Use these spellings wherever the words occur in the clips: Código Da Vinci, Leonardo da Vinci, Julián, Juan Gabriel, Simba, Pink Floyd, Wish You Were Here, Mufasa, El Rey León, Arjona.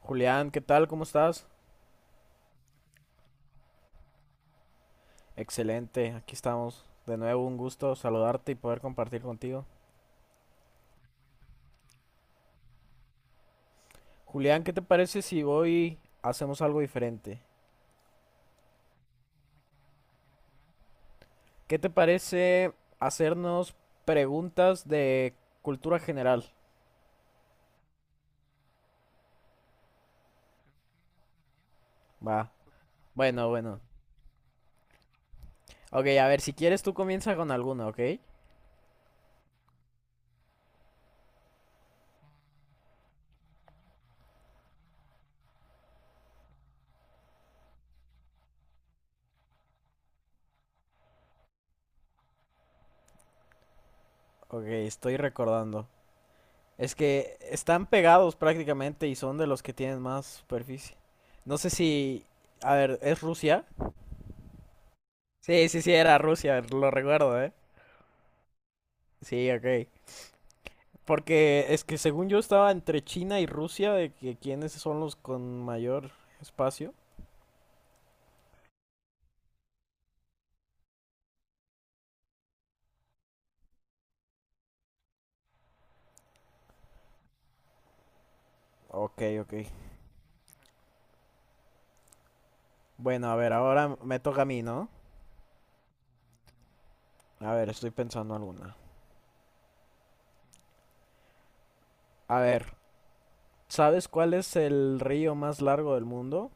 Julián, ¿qué tal? ¿Cómo estás? Excelente, aquí estamos. De nuevo, un gusto saludarte y poder compartir contigo. Julián, ¿qué te parece si hoy hacemos algo diferente? ¿Qué te parece hacernos preguntas de cultura general? Va. Bueno, bueno. Ok, a ver, si quieres tú comienza con alguna, ¿ok? Ok, estoy recordando. Es que están pegados prácticamente y son de los que tienen más superficie. No sé si... A ver, ¿es Rusia? Sí, sí, sí, era Rusia, lo recuerdo, ¿eh? Sí, ok. Porque es que según yo estaba entre China y Rusia de que quiénes son los con mayor espacio. Ok, ok. Bueno, a ver, ahora me toca a mí, ¿no? A ver, estoy pensando alguna. A ver, ¿sabes cuál es el río más largo del mundo?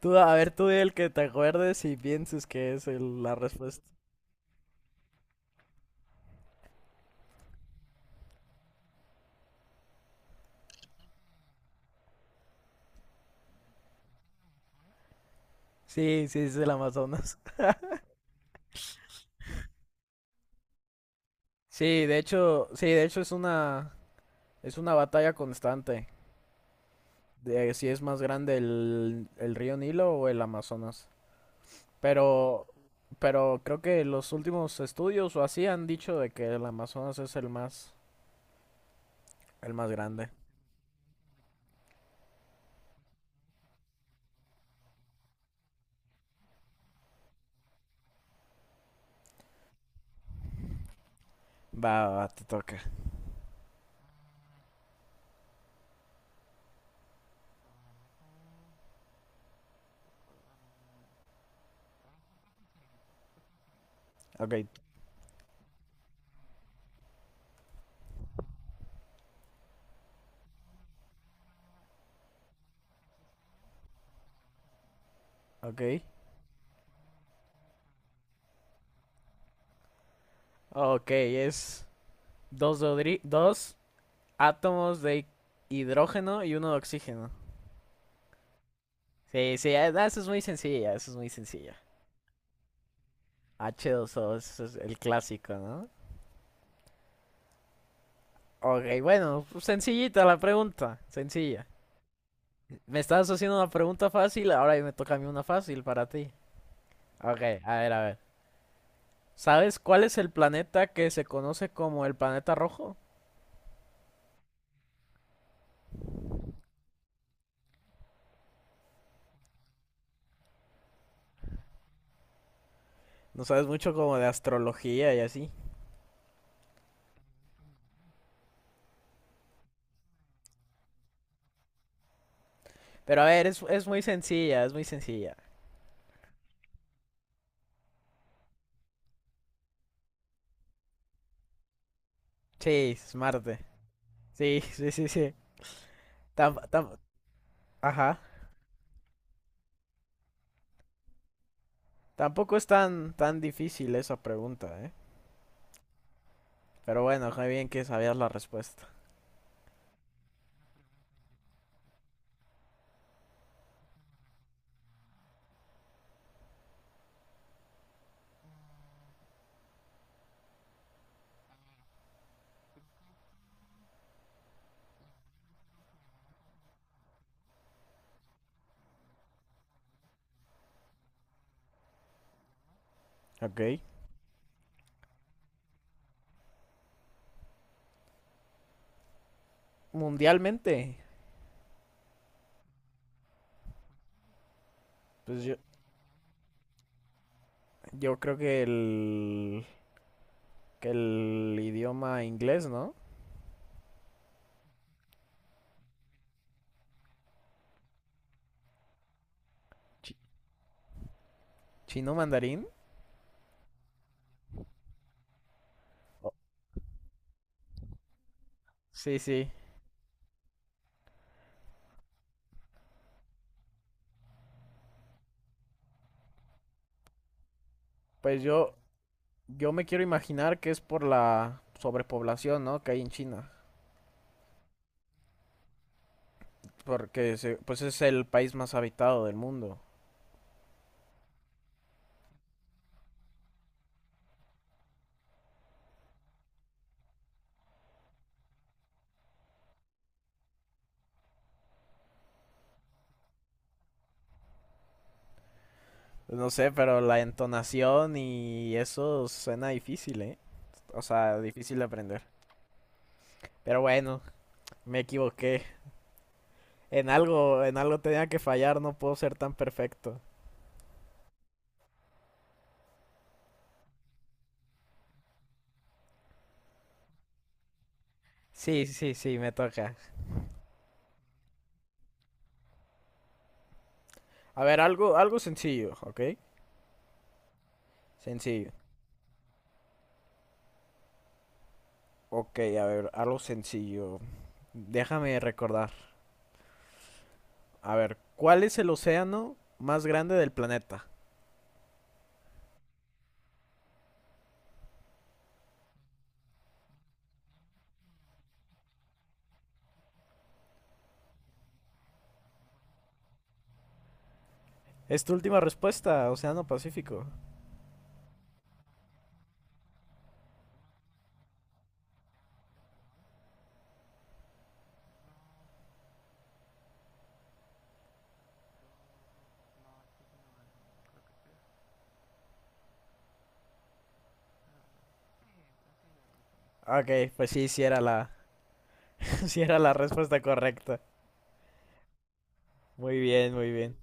Tú, a ver, tú di el que te acuerdes y pienses que es la respuesta. Sí, sí, es el Amazonas. Sí, de hecho es una batalla constante. De si es más grande el río Nilo o el Amazonas. Pero, pero creo que los últimos estudios o así han dicho de que el Amazonas es el más grande. Va, va, te toca. Ok, ok. Ok, es dos átomos de hidrógeno y uno de oxígeno. Sí, sí, no, eso es muy sencilla, eso es muy sencilla. H2O, eso es el clásico, ¿no? Ok, bueno, pues sencillita la pregunta, sencilla. Me estabas haciendo una pregunta fácil, ahora me toca a mí una fácil para ti. Ok, a ver, a ver. ¿Sabes cuál es el planeta que se conoce como el planeta rojo? No sabes mucho como de astrología y así. Pero a ver, es muy sencilla, es muy sencilla. Sí, es Marte. Sí, sí, sí, sí. Tam- tam- Ajá. Tampoco es tan, tan difícil esa pregunta, ¿eh? Pero bueno, qué bien que sabías la respuesta. Ok. Mundialmente, pues yo creo que el idioma inglés, ¿no? Chi- Chino mandarín. Oh, sí, sí. Pues yo me quiero imaginar que es por la sobrepoblación, ¿no? Que hay en China. Porque pues es el país más habitado del mundo. No sé, pero la entonación y eso suena difícil, ¿eh? O sea, difícil de aprender. Pero bueno, me equivoqué. En algo tenía que fallar, no puedo ser tan perfecto. Sí, sí, sí, me toca. A ver, algo sencillo, ¿ok? Sencillo. Ok, a ver, algo sencillo. Déjame recordar. A ver, ¿cuál es el océano más grande del planeta? Es tu última respuesta, Océano Pacífico. Ok, pues sí, sí era la, sí era la respuesta correcta. Muy bien, muy bien.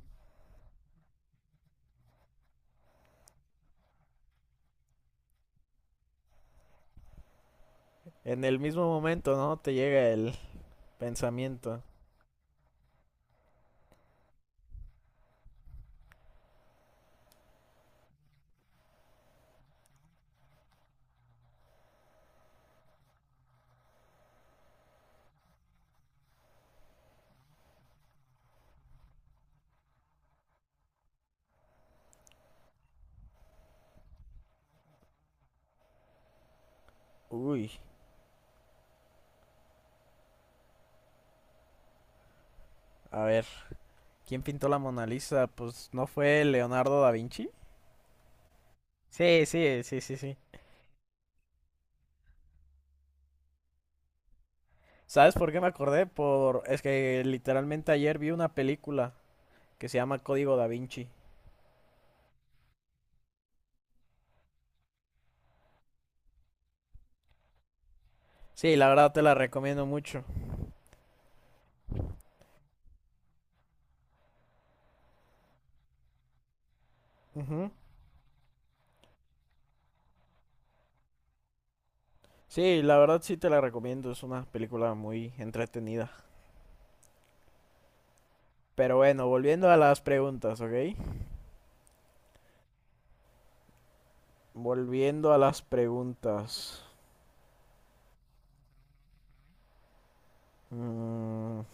En el mismo momento, ¿no? Te llega el pensamiento. Uy, a ver, ¿quién pintó la Mona Lisa? Pues no fue Leonardo da Vinci. Sí, sí, sí, sí, sí. ¿Sabes por qué me acordé? Por es que literalmente ayer vi una película que se llama Código Da Vinci. Sí, la verdad te la recomiendo mucho. Ujú. Sí, la verdad sí te la recomiendo, es una película muy entretenida. Pero bueno, volviendo a las preguntas, ¿ok? Volviendo a las preguntas. Mm,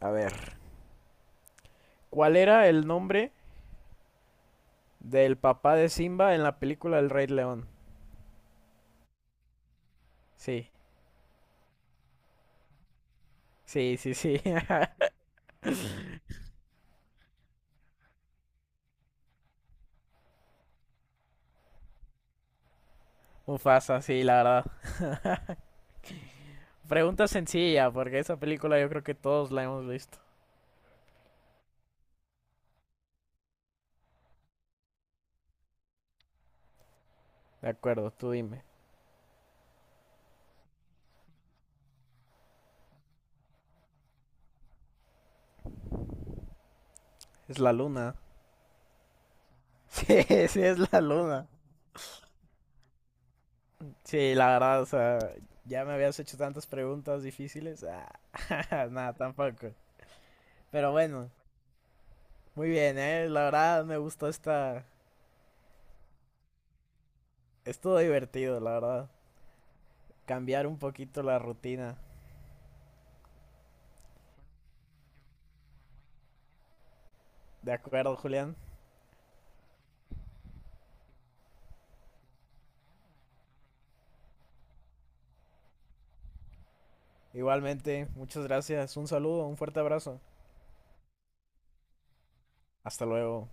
a ver, ¿cuál era el nombre del papá de Simba en la película El Rey León? Sí, sí, sí, sí. Mufasa, sí, la verdad. Pregunta sencilla, porque esa película yo creo que todos la hemos visto. De acuerdo, tú dime. Es la luna. Sí, sí, es la luna. Sí, la verdad, o sea, ya me habías hecho tantas preguntas difíciles. Ah, nada, tampoco. Pero bueno, muy bien, ¿eh? La verdad me gustó esta... Estuvo divertido, la verdad. Cambiar un poquito la rutina. De acuerdo, Julián. Igualmente, muchas gracias. Un saludo, un fuerte abrazo. Hasta luego.